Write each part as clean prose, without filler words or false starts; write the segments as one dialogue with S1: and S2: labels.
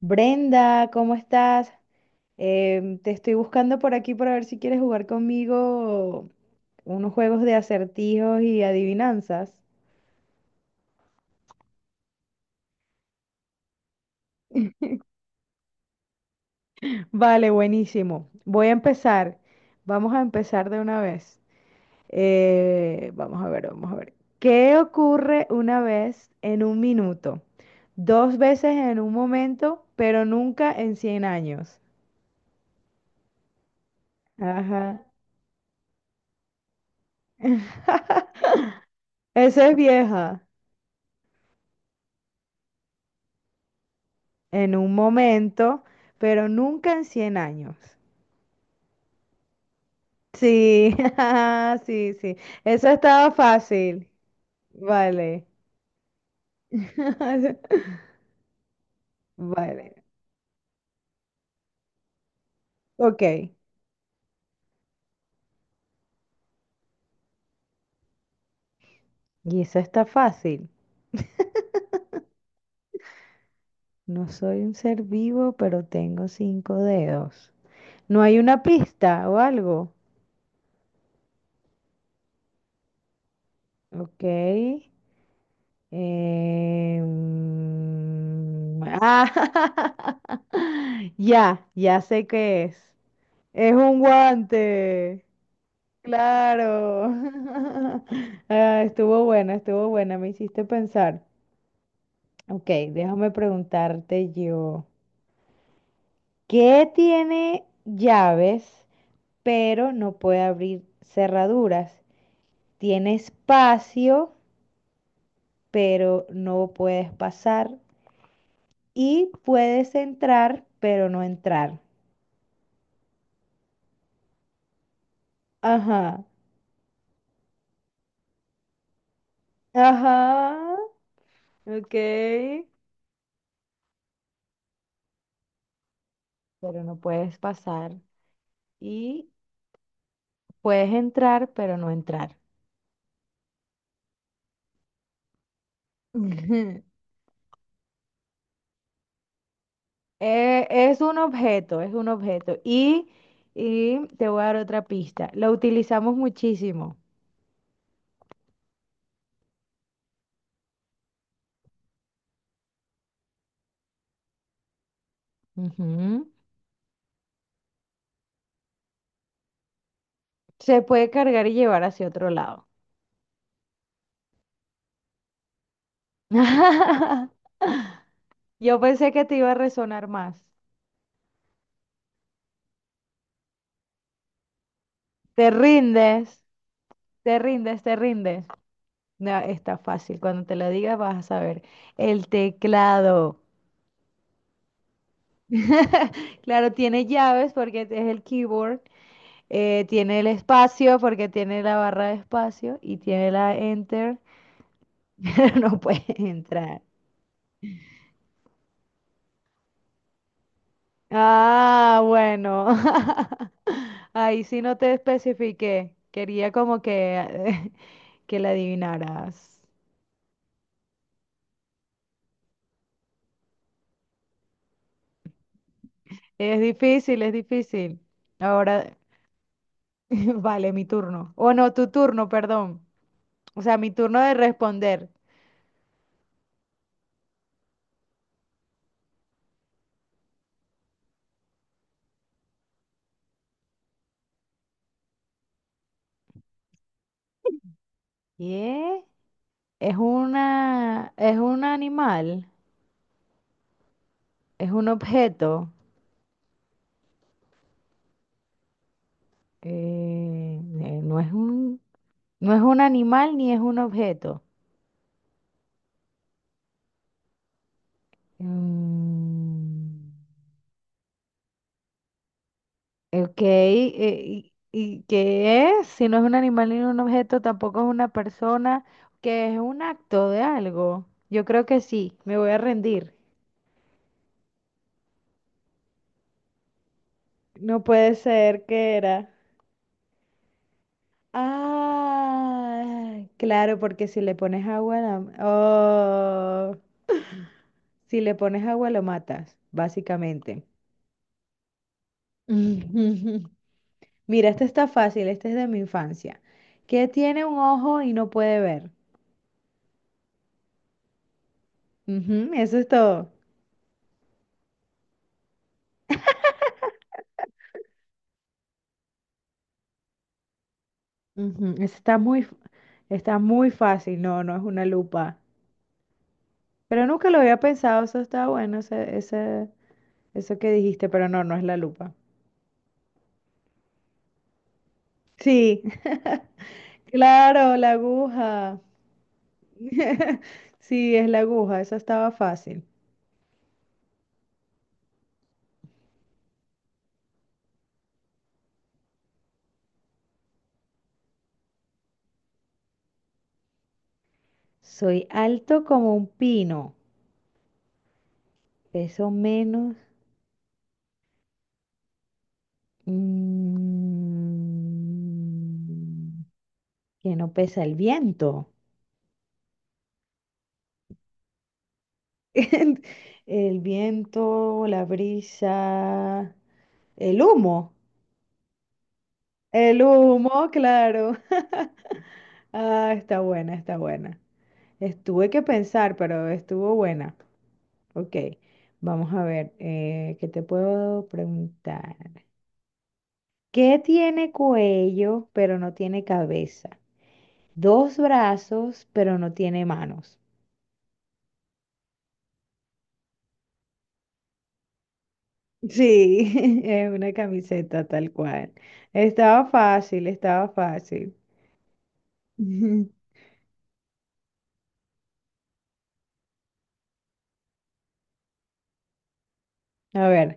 S1: Brenda, ¿cómo estás? Te estoy buscando por aquí para ver si quieres jugar conmigo unos juegos de acertijos y adivinanzas. Vale, buenísimo. Voy a empezar. Vamos a empezar de una vez. Vamos a ver, vamos a ver. ¿Qué ocurre una vez en un minuto? Dos veces en un momento, pero nunca en 100 años. Ajá. Esa es vieja. En un momento, pero nunca en 100 años. Sí, sí, sí. Eso estaba fácil. Vale. Vale. Ok. Y eso está fácil. No soy un ser vivo, pero tengo cinco dedos. ¿No hay una pista o algo? Ok. Ah, ya sé qué es. Es un guante. Claro. Ah, estuvo buena, me hiciste pensar. Ok, déjame preguntarte yo. ¿Qué tiene llaves, pero no puede abrir cerraduras? Tiene espacio, pero no puedes pasar. Y puedes entrar, pero no entrar. Ajá, ajá, ok. Pero no puedes pasar. Y puedes entrar, pero no entrar. Ujú. Es un objeto, es un objeto. Y te voy a dar otra pista. Lo utilizamos muchísimo. Ujú. Se puede cargar y llevar hacia otro lado. Yo pensé que te iba a resonar más. Te rindes, te rindes, te rindes. No, está fácil. Cuando te lo diga vas a saber. El teclado. Claro, tiene llaves porque es el keyboard. Tiene el espacio porque tiene la barra de espacio y tiene la enter, pero no puedes entrar. Ah, bueno. Ahí sí no te especifiqué. Quería como que, que la adivinaras. Es difícil, es difícil. Ahora, vale, mi turno. O no, tu turno, perdón. O sea, mi turno de responder. ¿Qué? Es un animal, es un objeto. Eh, eh, no es un, no es un animal ni es un objeto. Mm, ok, ¿y qué es? Si no es un animal ni un objeto, tampoco es una persona, que es un acto de algo. Yo creo que sí, me voy a rendir. No puede ser que era. Ah, claro, porque si le pones agua lo matas, básicamente. Mira, este está fácil, este es de mi infancia. ¿Qué tiene un ojo y no puede ver? Ujú, eso es todo. Ujú, ese está muy fácil, no, no es una lupa. Pero nunca lo había pensado, eso está bueno, eso que dijiste, pero no, no es la lupa. Sí, claro, la aguja. Sí, es la aguja, eso estaba fácil. Soy alto como un pino, peso menos Mm, que no pesa el viento. El viento, la brisa, el humo. El humo, claro. Ah, está buena, está buena. Estuve que pensar, pero estuvo buena. Ok, vamos a ver, ¿qué te puedo preguntar? ¿Qué tiene cuello, pero no tiene cabeza? Dos brazos, pero no tiene manos. Sí, es una camiseta tal cual. Estaba fácil, estaba fácil. A ver,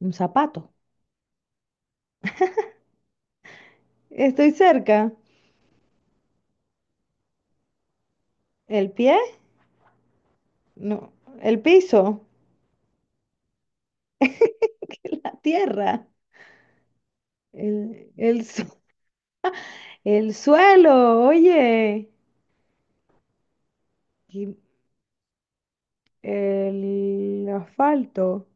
S1: un zapato. Estoy cerca. ¿El pie? No, el piso, la tierra, el, el, su- el suelo, oye, y el asfalto.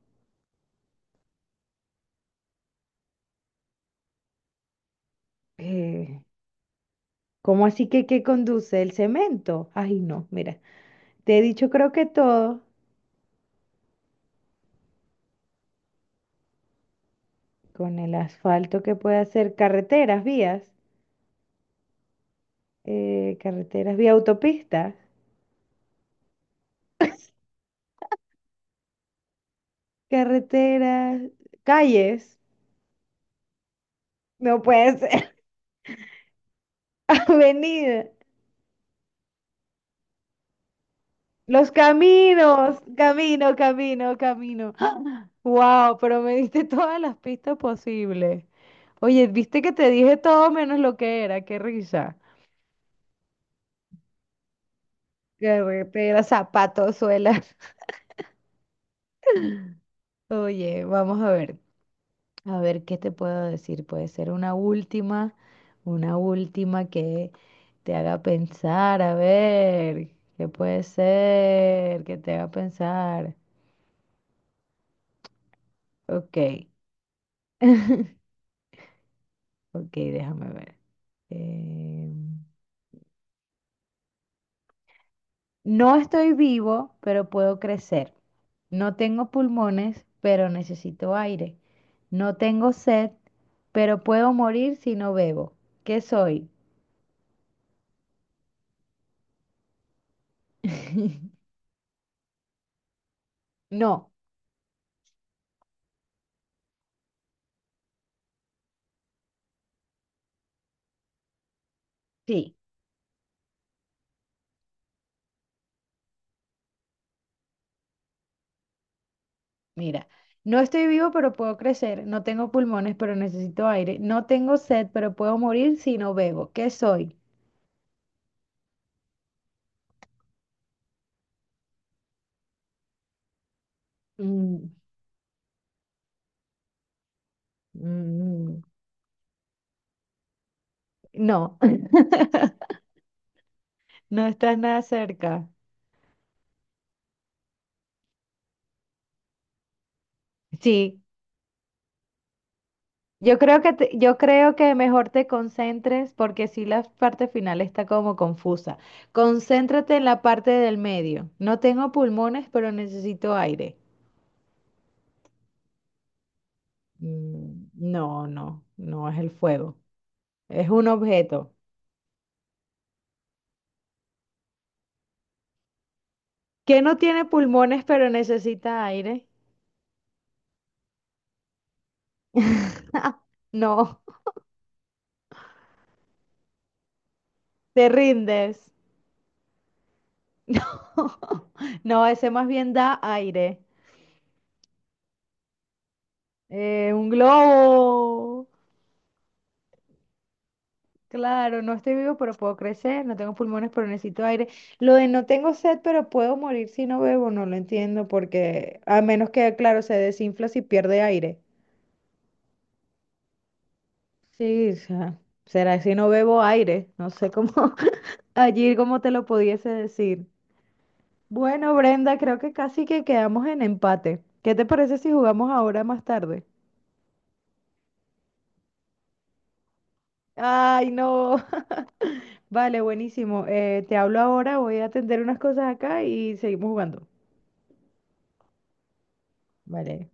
S1: Eh, ¿Cómo así que qué conduce? ¿El cemento? Ay, no, mira, te he dicho creo que todo con el asfalto que puede hacer carreteras, vías. Carreteras, vía autopista, carreteras, calles, no puede ser, avenida, los caminos, camino, camino, camino. Wow, pero me diste todas las pistas posibles. Oye, viste que te dije todo menos lo que era, qué risa. Carretera, zapatos, suelas. Oye, vamos a ver. A ver, ¿qué te puedo decir? Puede ser una última que te haga pensar. A ver, ¿qué puede ser que te haga pensar? Ok, ok, déjame ver. Eh, no estoy vivo, pero puedo crecer. No tengo pulmones, pero necesito aire. No tengo sed, pero puedo morir si no bebo. ¿Qué soy? No, sí. Mira, no estoy vivo, pero puedo crecer. No tengo pulmones, pero necesito aire. No tengo sed, pero puedo morir si no bebo. ¿Qué soy? Mm, mm, No, no estás nada cerca. Sí, yo creo que mejor te concentres porque sí la parte final está como confusa. Concéntrate en la parte del medio. No tengo pulmones, pero necesito aire. No, no, no es el fuego. Es un objeto. ¿Qué no tiene pulmones pero necesita aire? No, te rindes. No, ese más bien da aire. Un globo. Claro, no estoy vivo, pero puedo crecer. No tengo pulmones, pero necesito aire. Lo de no tengo sed, pero puedo morir si no bebo, no lo entiendo, porque a menos que, claro, se desinfla si pierde aire. Sí, o sea, será si no bebo aire. No sé cómo, allí cómo te lo pudiese decir. Bueno, Brenda, creo que casi que quedamos en empate. ¿Qué te parece si jugamos ahora más tarde? Ay, no. Vale, buenísimo. Te hablo ahora, voy a atender unas cosas acá y seguimos jugando. Vale.